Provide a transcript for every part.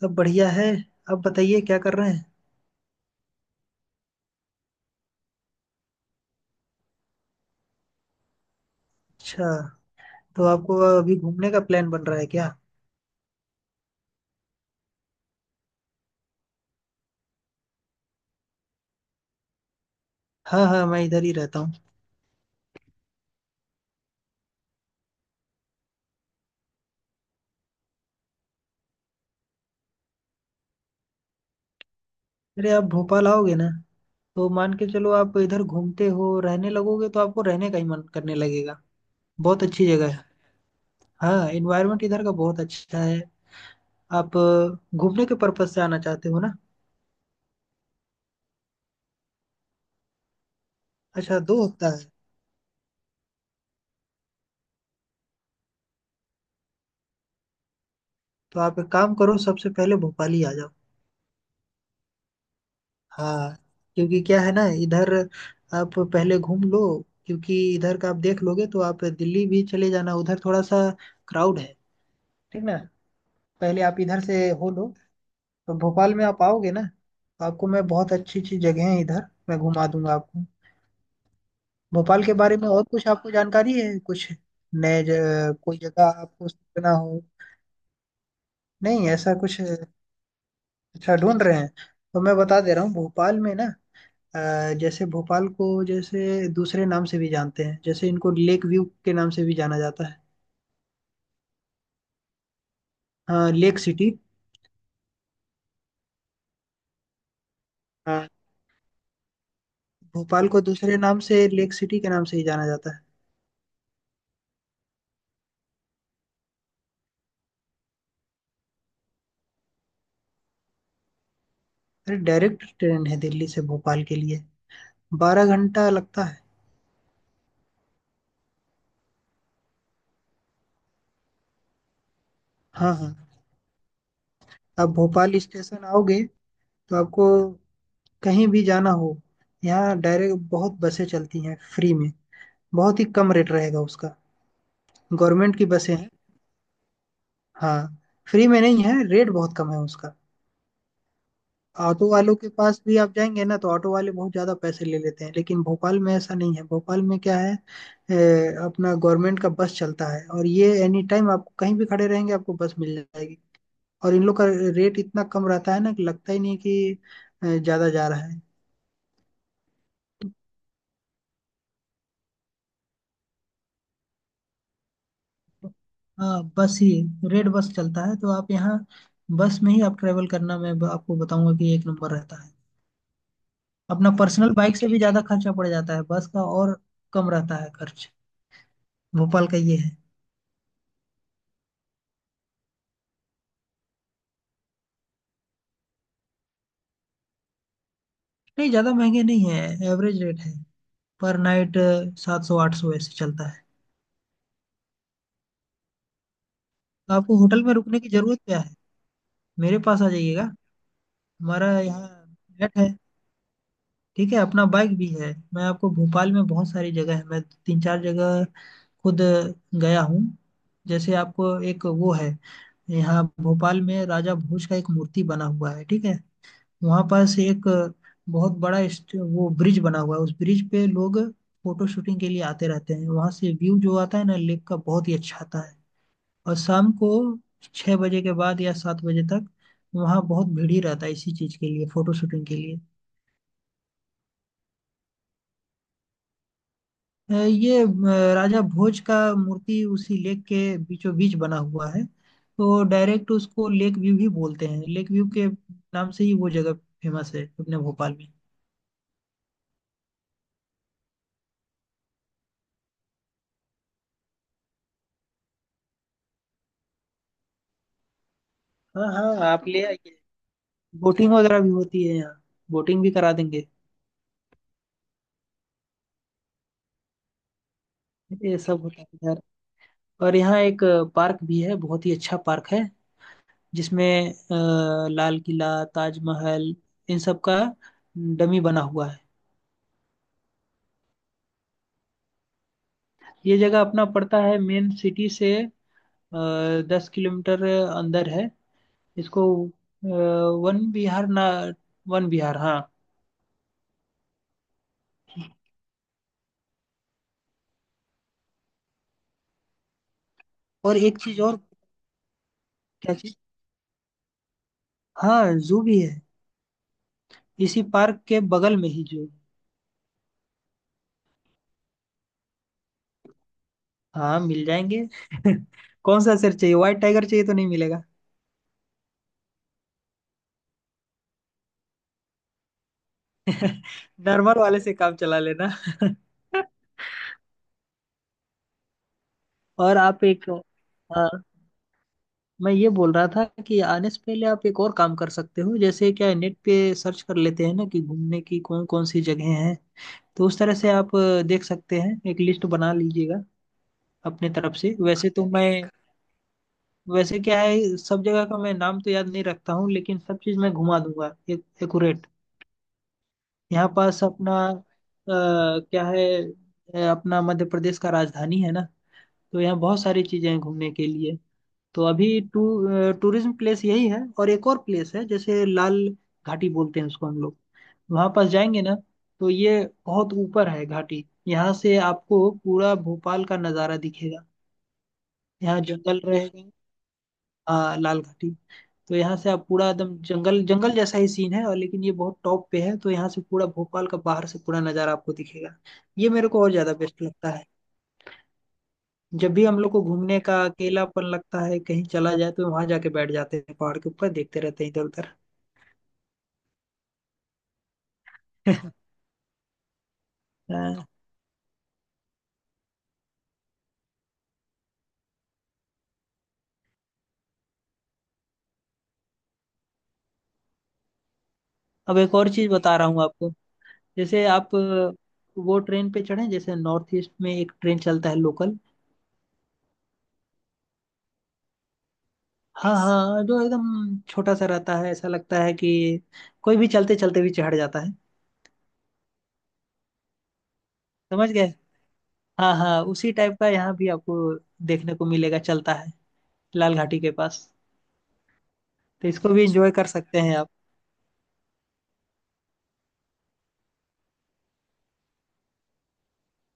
सब बढ़िया है। आप बताइए क्या कर रहे हैं। अच्छा, तो आपको अभी घूमने का प्लान बन रहा है क्या? हाँ हाँ, मैं इधर ही रहता हूँ। अरे आप भोपाल आओगे ना, तो मान के चलो, आप इधर घूमते हो रहने लगोगे तो आपको रहने का ही मन करने लगेगा। बहुत अच्छी जगह है। हाँ, एनवायरनमेंट इधर का बहुत अच्छा है। आप घूमने के पर्पज से आना चाहते हो ना। अच्छा, 2 हफ्ता है। तो आप एक काम करो, सबसे पहले भोपाल ही आ जाओ। हाँ। क्योंकि क्या है ना इधर, आप पहले घूम लो। क्योंकि इधर का आप देख लोगे तो आप दिल्ली भी चले जाना, उधर थोड़ा सा क्राउड है। ठीक ना। पहले आप इधर से हो लो। तो भोपाल में आप आओगे ना, तो आपको मैं, बहुत अच्छी अच्छी जगह है इधर, मैं घुमा दूंगा आपको। भोपाल के बारे में और कुछ आपको जानकारी है कुछ? कोई जगह आपको सोचना हो। नहीं ऐसा कुछ अच्छा। ढूंढ रहे हैं। तो मैं बता दे रहा हूँ भोपाल में ना। अ, जैसे भोपाल को जैसे दूसरे नाम से भी जानते हैं, जैसे इनको लेक व्यू के नाम से भी जाना जाता है। हाँ, लेक सिटी। हाँ। भोपाल को दूसरे नाम से लेक सिटी के नाम से ही जाना जाता है। अरे डायरेक्ट ट्रेन है दिल्ली से भोपाल के लिए, 12 घंटा लगता है। हाँ हाँ। आप भोपाल स्टेशन आओगे, तो आपको कहीं भी जाना हो, यहाँ डायरेक्ट बहुत बसें चलती हैं फ्री में। बहुत ही कम रेट रहेगा उसका, गवर्नमेंट की बसें हैं। हाँ, फ्री में नहीं है, रेट बहुत कम है उसका। ऑटो वालों के पास भी आप जाएंगे ना तो ऑटो वाले बहुत ज़्यादा पैसे ले लेते हैं, लेकिन भोपाल में ऐसा नहीं है। भोपाल में क्या है, अपना गवर्नमेंट का बस चलता है, और ये एनी टाइम आप कहीं भी खड़े रहेंगे आपको बस मिल जाएगी। और इन लोग का रेट इतना कम रहता है ना कि लगता ही नहीं कि ज़्यादा जा रहा है। हाँ, बस ही, रेड बस चलता है तो आप यहाँ बस में ही आप ट्रेवल करना, मैं आपको बताऊंगा कि एक नंबर रहता है। अपना पर्सनल बाइक से भी ज़्यादा खर्चा पड़ जाता है बस का, और कम रहता है खर्च। भोपाल का ये है। नहीं, ज्यादा महंगे नहीं है। एवरेज रेट है पर नाइट 700 800 ऐसे चलता है। तो आपको होटल में रुकने की जरूरत क्या है, मेरे पास आ जाइएगा। हमारा यहाँ फ्लैट है। ठीक है, अपना बाइक भी है। मैं आपको भोपाल में बहुत सारी जगह है, मैं तीन चार जगह खुद गया हूँ। जैसे आपको एक वो है, यहाँ भोपाल में राजा भोज का एक मूर्ति बना हुआ है, ठीक है। वहां पास एक बहुत बड़ा वो ब्रिज बना हुआ है, उस ब्रिज पे लोग फोटो शूटिंग के लिए आते रहते हैं। वहां से व्यू जो आता है ना लेक का, बहुत ही अच्छा आता है। और शाम को 6 बजे के बाद या 7 बजे तक, वहाँ बहुत भीड़ ही रहता है इसी चीज के लिए, फोटो शूटिंग के लिए। ये राजा भोज का मूर्ति उसी लेक के बीचों बीच बना हुआ है, तो डायरेक्ट उसको लेक व्यू ही बोलते हैं। लेक व्यू के नाम से ही वो जगह फेमस है अपने भोपाल में। हाँ हाँ, आप ले आइए। बोटिंग वगैरह भी होती है यहाँ, बोटिंग भी करा देंगे। ये सब होता है इधर। और यहाँ एक पार्क भी है, बहुत ही अच्छा पार्क है, जिसमें लाल किला, ताजमहल, इन सब का डमी बना हुआ है। ये जगह अपना पड़ता है मेन सिटी से 10 किलोमीटर अंदर है। इसको वन विहार ना, वन विहार, हाँ। और एक चीज और। क्या चीज? हाँ, जू भी है, इसी पार्क के बगल में ही जू। हाँ, मिल जाएंगे। कौन सा सर चाहिए, व्हाइट टाइगर चाहिए तो नहीं मिलेगा। नॉर्मल वाले से काम चला लेना। और आप एक, आ, मैं ये बोल रहा था कि आने से पहले आप एक और काम कर सकते हो, जैसे क्या है, नेट पे सर्च कर लेते हैं ना कि घूमने की कौन कौन सी जगह हैं। तो उस तरह से आप देख सकते हैं, एक लिस्ट बना लीजिएगा अपने तरफ से। वैसे तो मैं, वैसे क्या है, सब जगह का मैं नाम तो याद नहीं रखता हूँ, लेकिन सब चीज़ मैं घुमा दूंगा एक एक्यूरेट। यहाँ पास अपना क्या है, अपना मध्य प्रदेश का राजधानी है ना, तो यहाँ बहुत सारी चीजें हैं घूमने के लिए। तो अभी टू टूरिज्म प्लेस यही है। और एक और प्लेस है, जैसे लाल घाटी बोलते हैं उसको हम लोग, वहाँ पास जाएंगे ना तो ये बहुत ऊपर है घाटी, यहाँ से आपको पूरा भोपाल का नज़ारा दिखेगा, यहाँ जंगल रहेगा। हाँ, लाल घाटी। तो यहाँ से आप पूरा एकदम जंगल जंगल जैसा ही सीन है, और लेकिन ये बहुत टॉप पे है तो यहाँ से पूरा भोपाल का बाहर से पूरा नज़ारा आपको दिखेगा। ये मेरे को और ज़्यादा बेस्ट लगता है। जब भी हम लोग को घूमने का अकेलापन लगता है कहीं चला जाए तो वहां जाके बैठ जाते हैं, पहाड़ के ऊपर देखते रहते हैं इधर उधर। हाँ। अब एक और चीज बता रहा हूँ आपको। जैसे आप वो ट्रेन पे चढ़े, जैसे नॉर्थ ईस्ट में एक ट्रेन चलता है लोकल। हाँ हाँ, जो एकदम छोटा सा रहता है, ऐसा लगता है कि कोई भी चलते चलते भी चढ़ जाता है। समझ गए। हाँ हाँ, उसी टाइप का यहाँ भी आपको देखने को मिलेगा, चलता है लाल घाटी के पास। तो इसको भी एंजॉय कर सकते हैं आप।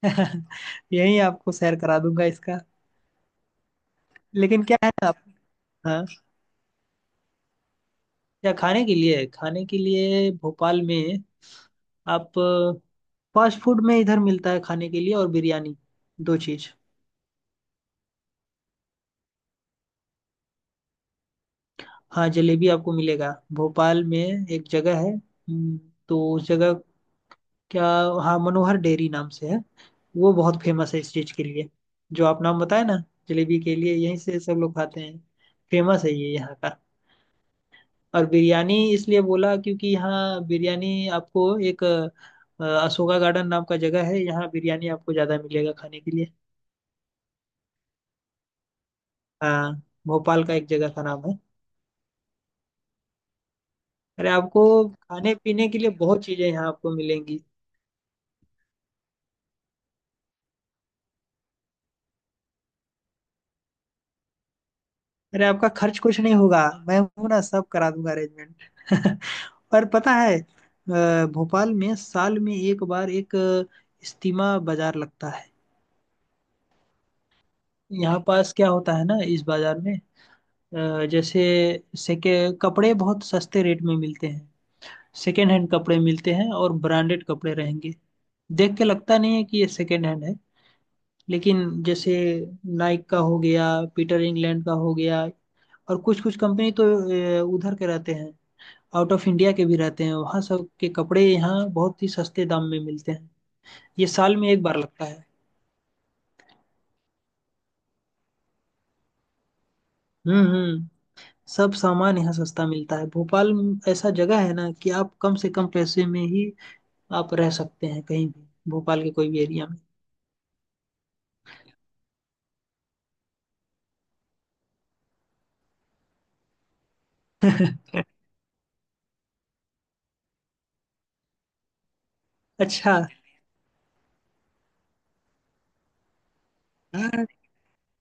यही आपको सैर करा दूंगा इसका। लेकिन क्या है ना आप। हाँ, क्या खाने के लिए, खाने के लिए भोपाल में आप फास्ट फूड में इधर मिलता है खाने के लिए, और बिरयानी, दो चीज। हाँ, जलेबी आपको मिलेगा। भोपाल में एक जगह है, तो उस जगह, क्या, हाँ मनोहर डेयरी नाम से है, वो बहुत फेमस है इस चीज के लिए। जो आप नाम बताए ना, जलेबी के लिए यहीं से सब लोग खाते हैं। फेमस है ये यहाँ का। और बिरयानी इसलिए बोला क्योंकि यहाँ बिरयानी आपको एक अशोका गार्डन नाम का जगह है, यहाँ बिरयानी आपको ज्यादा मिलेगा खाने के लिए। हाँ, भोपाल का एक जगह का नाम है। अरे आपको खाने पीने के लिए बहुत चीजें यहाँ आपको मिलेंगी। अरे आपका खर्च कुछ नहीं होगा, मैं हूं ना, सब करा दूंगा अरेंजमेंट। पर पता है भोपाल में साल में एक बार एक इस्तीमा बाजार लगता है। यहाँ पास क्या होता है ना इस बाजार में, जैसे सेके कपड़े बहुत सस्ते रेट में मिलते हैं, सेकेंड हैंड कपड़े मिलते हैं और ब्रांडेड कपड़े रहेंगे, देख के लगता नहीं है कि ये सेकेंड हैंड है। लेकिन जैसे नाइक का हो गया, पीटर इंग्लैंड का हो गया, और कुछ कुछ कंपनी तो उधर के रहते हैं, आउट ऑफ इंडिया के भी रहते हैं, वहाँ सब के कपड़े यहाँ बहुत ही सस्ते दाम में मिलते हैं। ये साल में एक बार लगता है। हम्म। सब सामान यहाँ सस्ता मिलता है भोपाल में। ऐसा जगह है ना कि आप कम से कम पैसे में ही आप रह सकते हैं कहीं भी भोपाल के कोई भी एरिया में। अच्छा। हाँ,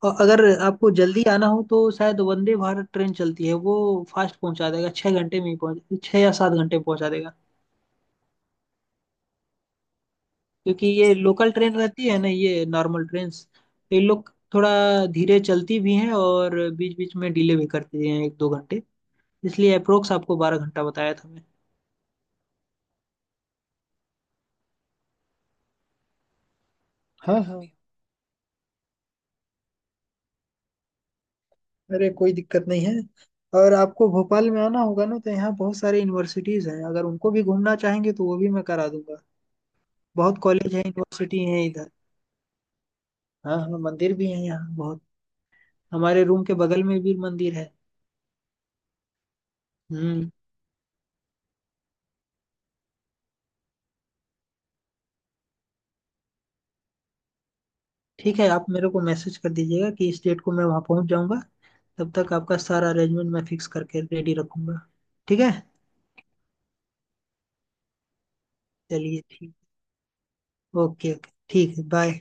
और अगर आपको जल्दी आना हो तो शायद वंदे भारत ट्रेन चलती है, वो फास्ट पहुंचा देगा 6 घंटे में ही पहुंच, 6 या 7 घंटे में पहुंचा देगा। क्योंकि ये लोकल ट्रेन रहती है ना, ये नॉर्मल ट्रेन, ये लोग थोड़ा धीरे चलती भी हैं और बीच बीच में डिले भी करती हैं एक दो घंटे, इसलिए अप्रोक्स आपको 12 घंटा बताया था मैं। हाँ हाँ। अरे कोई दिक्कत नहीं है, और आपको भोपाल में आना होगा ना तो यहाँ बहुत सारे यूनिवर्सिटीज हैं, अगर उनको भी घूमना चाहेंगे तो वो भी मैं करा दूंगा। बहुत कॉलेज है, यूनिवर्सिटी है इधर। हाँ हाँ, मंदिर भी है यहाँ बहुत, हमारे रूम के बगल में भी मंदिर है। हम्म। ठीक है, आप मेरे को मैसेज कर दीजिएगा कि इस डेट को मैं वहाँ पहुँच जाऊँगा, तब तक आपका सारा अरेंजमेंट मैं फिक्स करके रेडी रखूंगा। ठीक है। चलिए ठीक, ओके ओके, ठीक है, बाय।